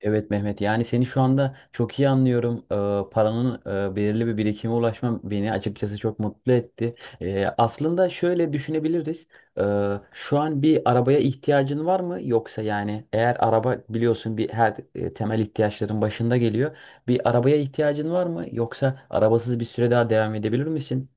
Evet Mehmet, yani seni şu anda çok iyi anlıyorum. Paranın belirli bir birikime ulaşmam beni açıkçası çok mutlu etti. Aslında şöyle düşünebiliriz. Şu an bir arabaya ihtiyacın var mı? Yoksa, yani eğer araba biliyorsun bir her temel ihtiyaçların başında geliyor. Bir arabaya ihtiyacın var mı? Yoksa arabasız bir süre daha devam edebilir misin?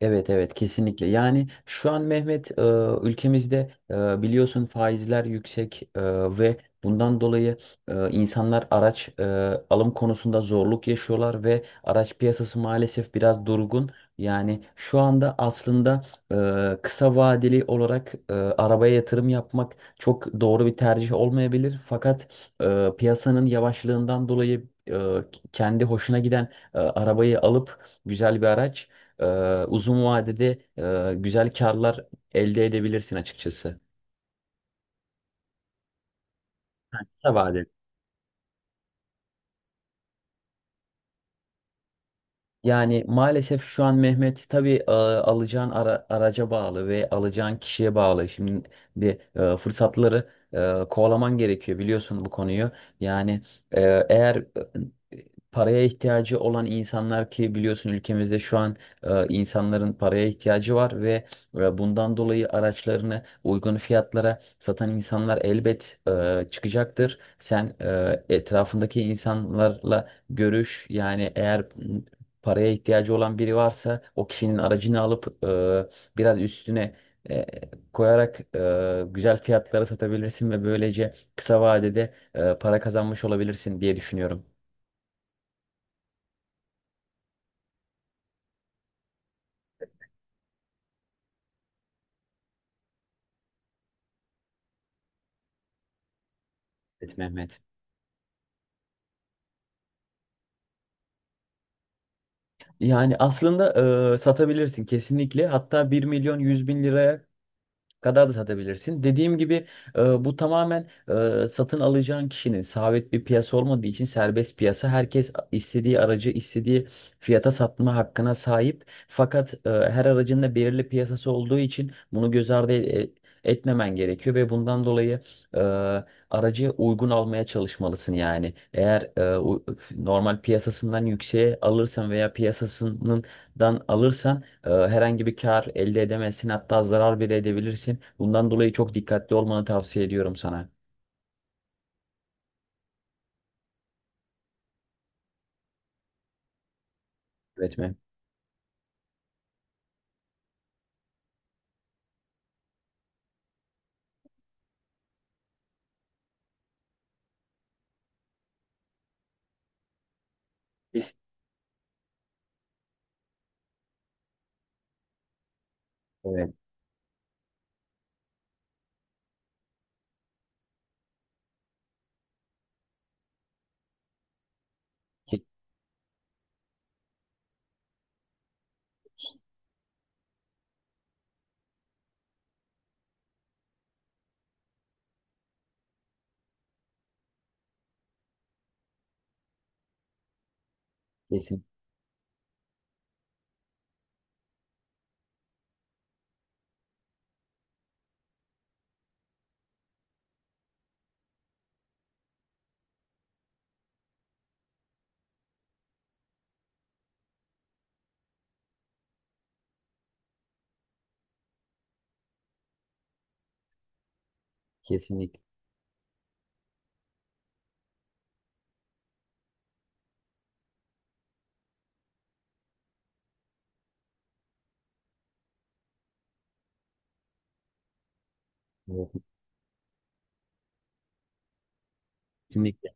Evet, evet, kesinlikle. Yani şu an Mehmet, ülkemizde biliyorsun faizler yüksek ve bundan dolayı insanlar araç alım konusunda zorluk yaşıyorlar ve araç piyasası maalesef biraz durgun. Yani şu anda aslında kısa vadeli olarak arabaya yatırım yapmak çok doğru bir tercih olmayabilir. Fakat piyasanın yavaşlığından dolayı e, kendi hoşuna giden arabayı alıp güzel bir araç uzun vadede güzel karlar elde edebilirsin açıkçası. Kısa vadede. Yani maalesef şu an Mehmet, tabii alacağın araca bağlı ve alacağın kişiye bağlı. Şimdi de fırsatları kovalaman gerekiyor, biliyorsun bu konuyu. Yani e, eğer paraya ihtiyacı olan insanlar, ki biliyorsun ülkemizde şu an insanların paraya ihtiyacı var ve bundan dolayı araçlarını uygun fiyatlara satan insanlar elbet çıkacaktır. Sen etrafındaki insanlarla görüş yani, eğer paraya ihtiyacı olan biri varsa o kişinin aracını alıp biraz üstüne e, koyarak güzel fiyatlara satabilirsin ve böylece kısa vadede para kazanmış olabilirsin diye düşünüyorum. Evet Mehmet. Yani aslında satabilirsin kesinlikle. Hatta 1.100.000 liraya kadar da satabilirsin. Dediğim gibi bu tamamen satın alacağın kişinin, sabit bir piyasa olmadığı için serbest piyasa. Herkes istediği aracı istediği fiyata satma hakkına sahip. Fakat her aracın da belirli piyasası olduğu için bunu göz ardı etmemen gerekiyor ve bundan dolayı e, aracı uygun almaya çalışmalısın yani. Eğer normal piyasasından yükseğe alırsan veya piyasasından alırsan, herhangi bir kar elde edemezsin, hatta zarar bile edebilirsin. Bundan dolayı çok dikkatli olmanı tavsiye ediyorum sana. Evet mi? Kes- Evet. Ke- Kesin, kesinlikle. Evet, kesinlikle.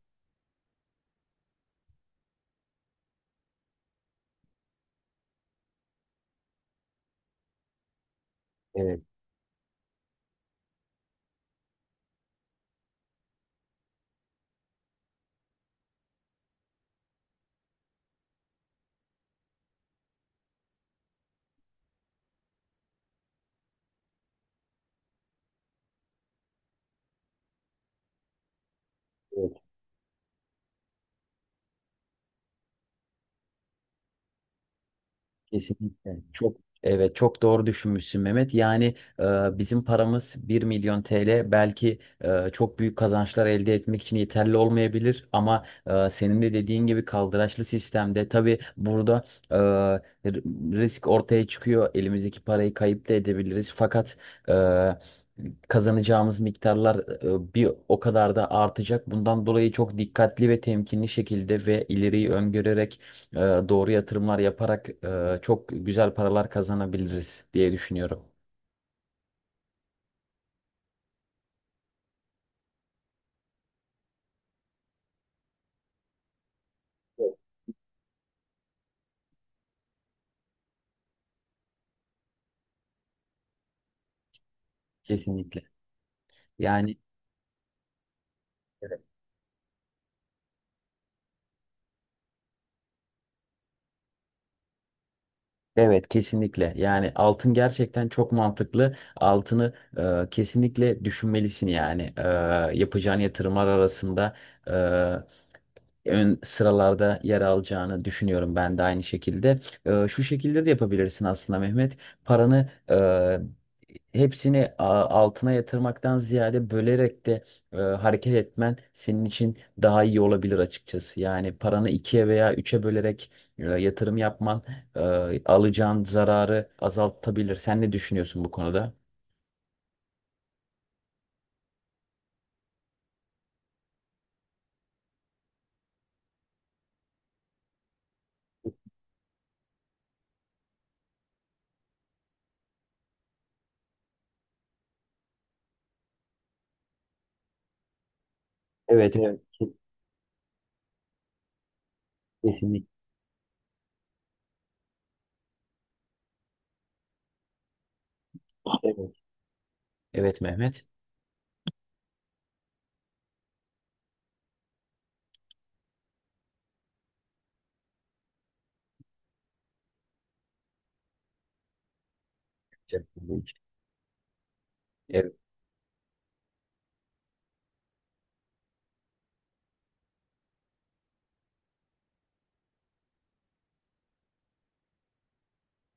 Evet. Evet. Kesinlikle. Evet, çok doğru düşünmüşsün Mehmet. Yani e, bizim paramız 1.000.000 TL belki çok büyük kazançlar elde etmek için yeterli olmayabilir, ama senin de dediğin gibi kaldıraçlı sistemde tabii burada e, r- risk ortaya çıkıyor. Elimizdeki parayı kayıp da edebiliriz. Fakat e, kazanacağımız miktarlar bir o kadar da artacak. Bundan dolayı çok dikkatli ve temkinli şekilde ve ileriyi öngörerek e, doğru yatırımlar yaparak çok güzel paralar kazanabiliriz diye düşünüyorum. Kesinlikle. Yani evet, evet, kesinlikle. Yani altın gerçekten çok mantıklı. Altını kesinlikle düşünmelisin yani. Yapacağın yatırımlar arasında E, ön sıralarda yer alacağını düşünüyorum ben de aynı şekilde. Şu şekilde de yapabilirsin aslında Mehmet. Paranı hepsini altına yatırmaktan ziyade bölerek de hareket etmen senin için daha iyi olabilir açıkçası. Yani paranı ikiye veya üçe bölerek yatırım yapman e, alacağın zararı azaltabilir. Sen ne düşünüyorsun bu konuda? Evet, evet. Kesinlikle. Evet. Evet Mehmet. Evet.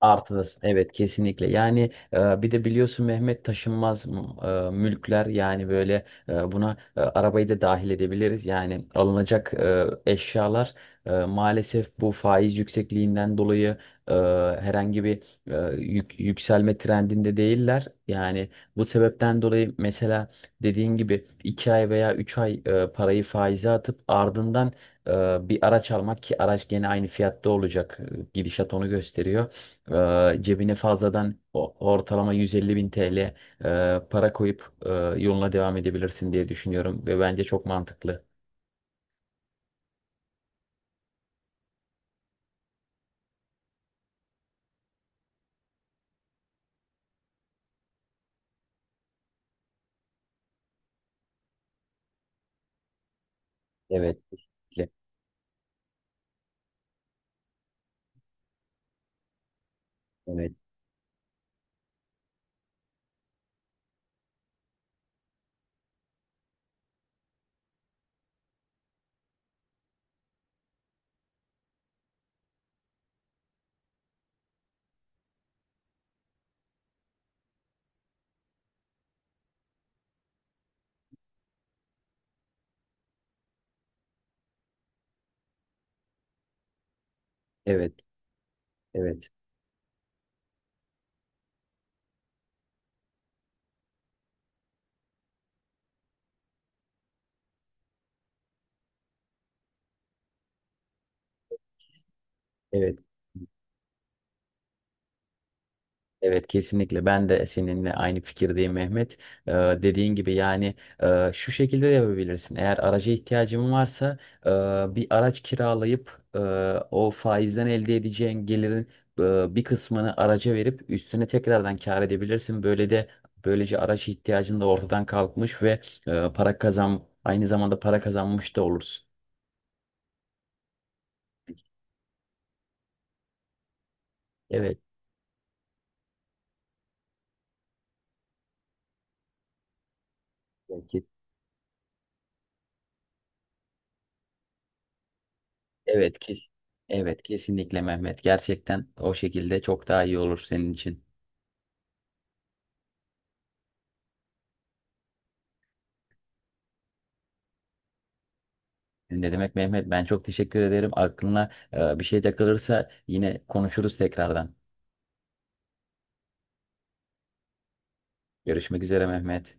Artıdasın. Evet, kesinlikle. Yani bir de biliyorsun Mehmet, taşınmaz mülkler yani, böyle buna arabayı da dahil edebiliriz. Yani alınacak eşyalar maalesef bu faiz yüksekliğinden dolayı e, herhangi bir yükselme trendinde değiller. Yani bu sebepten dolayı mesela dediğin gibi 2 ay veya 3 ay parayı faize atıp ardından e, bir araç almak, ki araç gene aynı fiyatta olacak. Gidişat onu gösteriyor. Cebine fazladan ortalama 150 bin TL para koyup yoluna devam edebilirsin diye düşünüyorum ve bence çok mantıklı. Evet, kesinlikle. Evet. Evet. Evet. Evet. Evet kesinlikle, ben de seninle aynı fikirdeyim Mehmet. Ee, dediğin gibi yani, şu şekilde de yapabilirsin. Eğer araca ihtiyacın varsa e, bir araç kiralayıp o faizden elde edeceğin gelirin bir kısmını araca verip üstüne tekrardan kâr edebilirsin. Böyle de böylece araç ihtiyacın da ortadan kalkmış ve e, para kazan aynı zamanda para kazanmış da olursun. Evet. Belki. Evet ki. Evet, kesinlikle Mehmet. Gerçekten o şekilde çok daha iyi olur senin için. Ne demek Mehmet? Ben çok teşekkür ederim. Aklına bir şey takılırsa yine konuşuruz tekrardan. Görüşmek üzere Mehmet.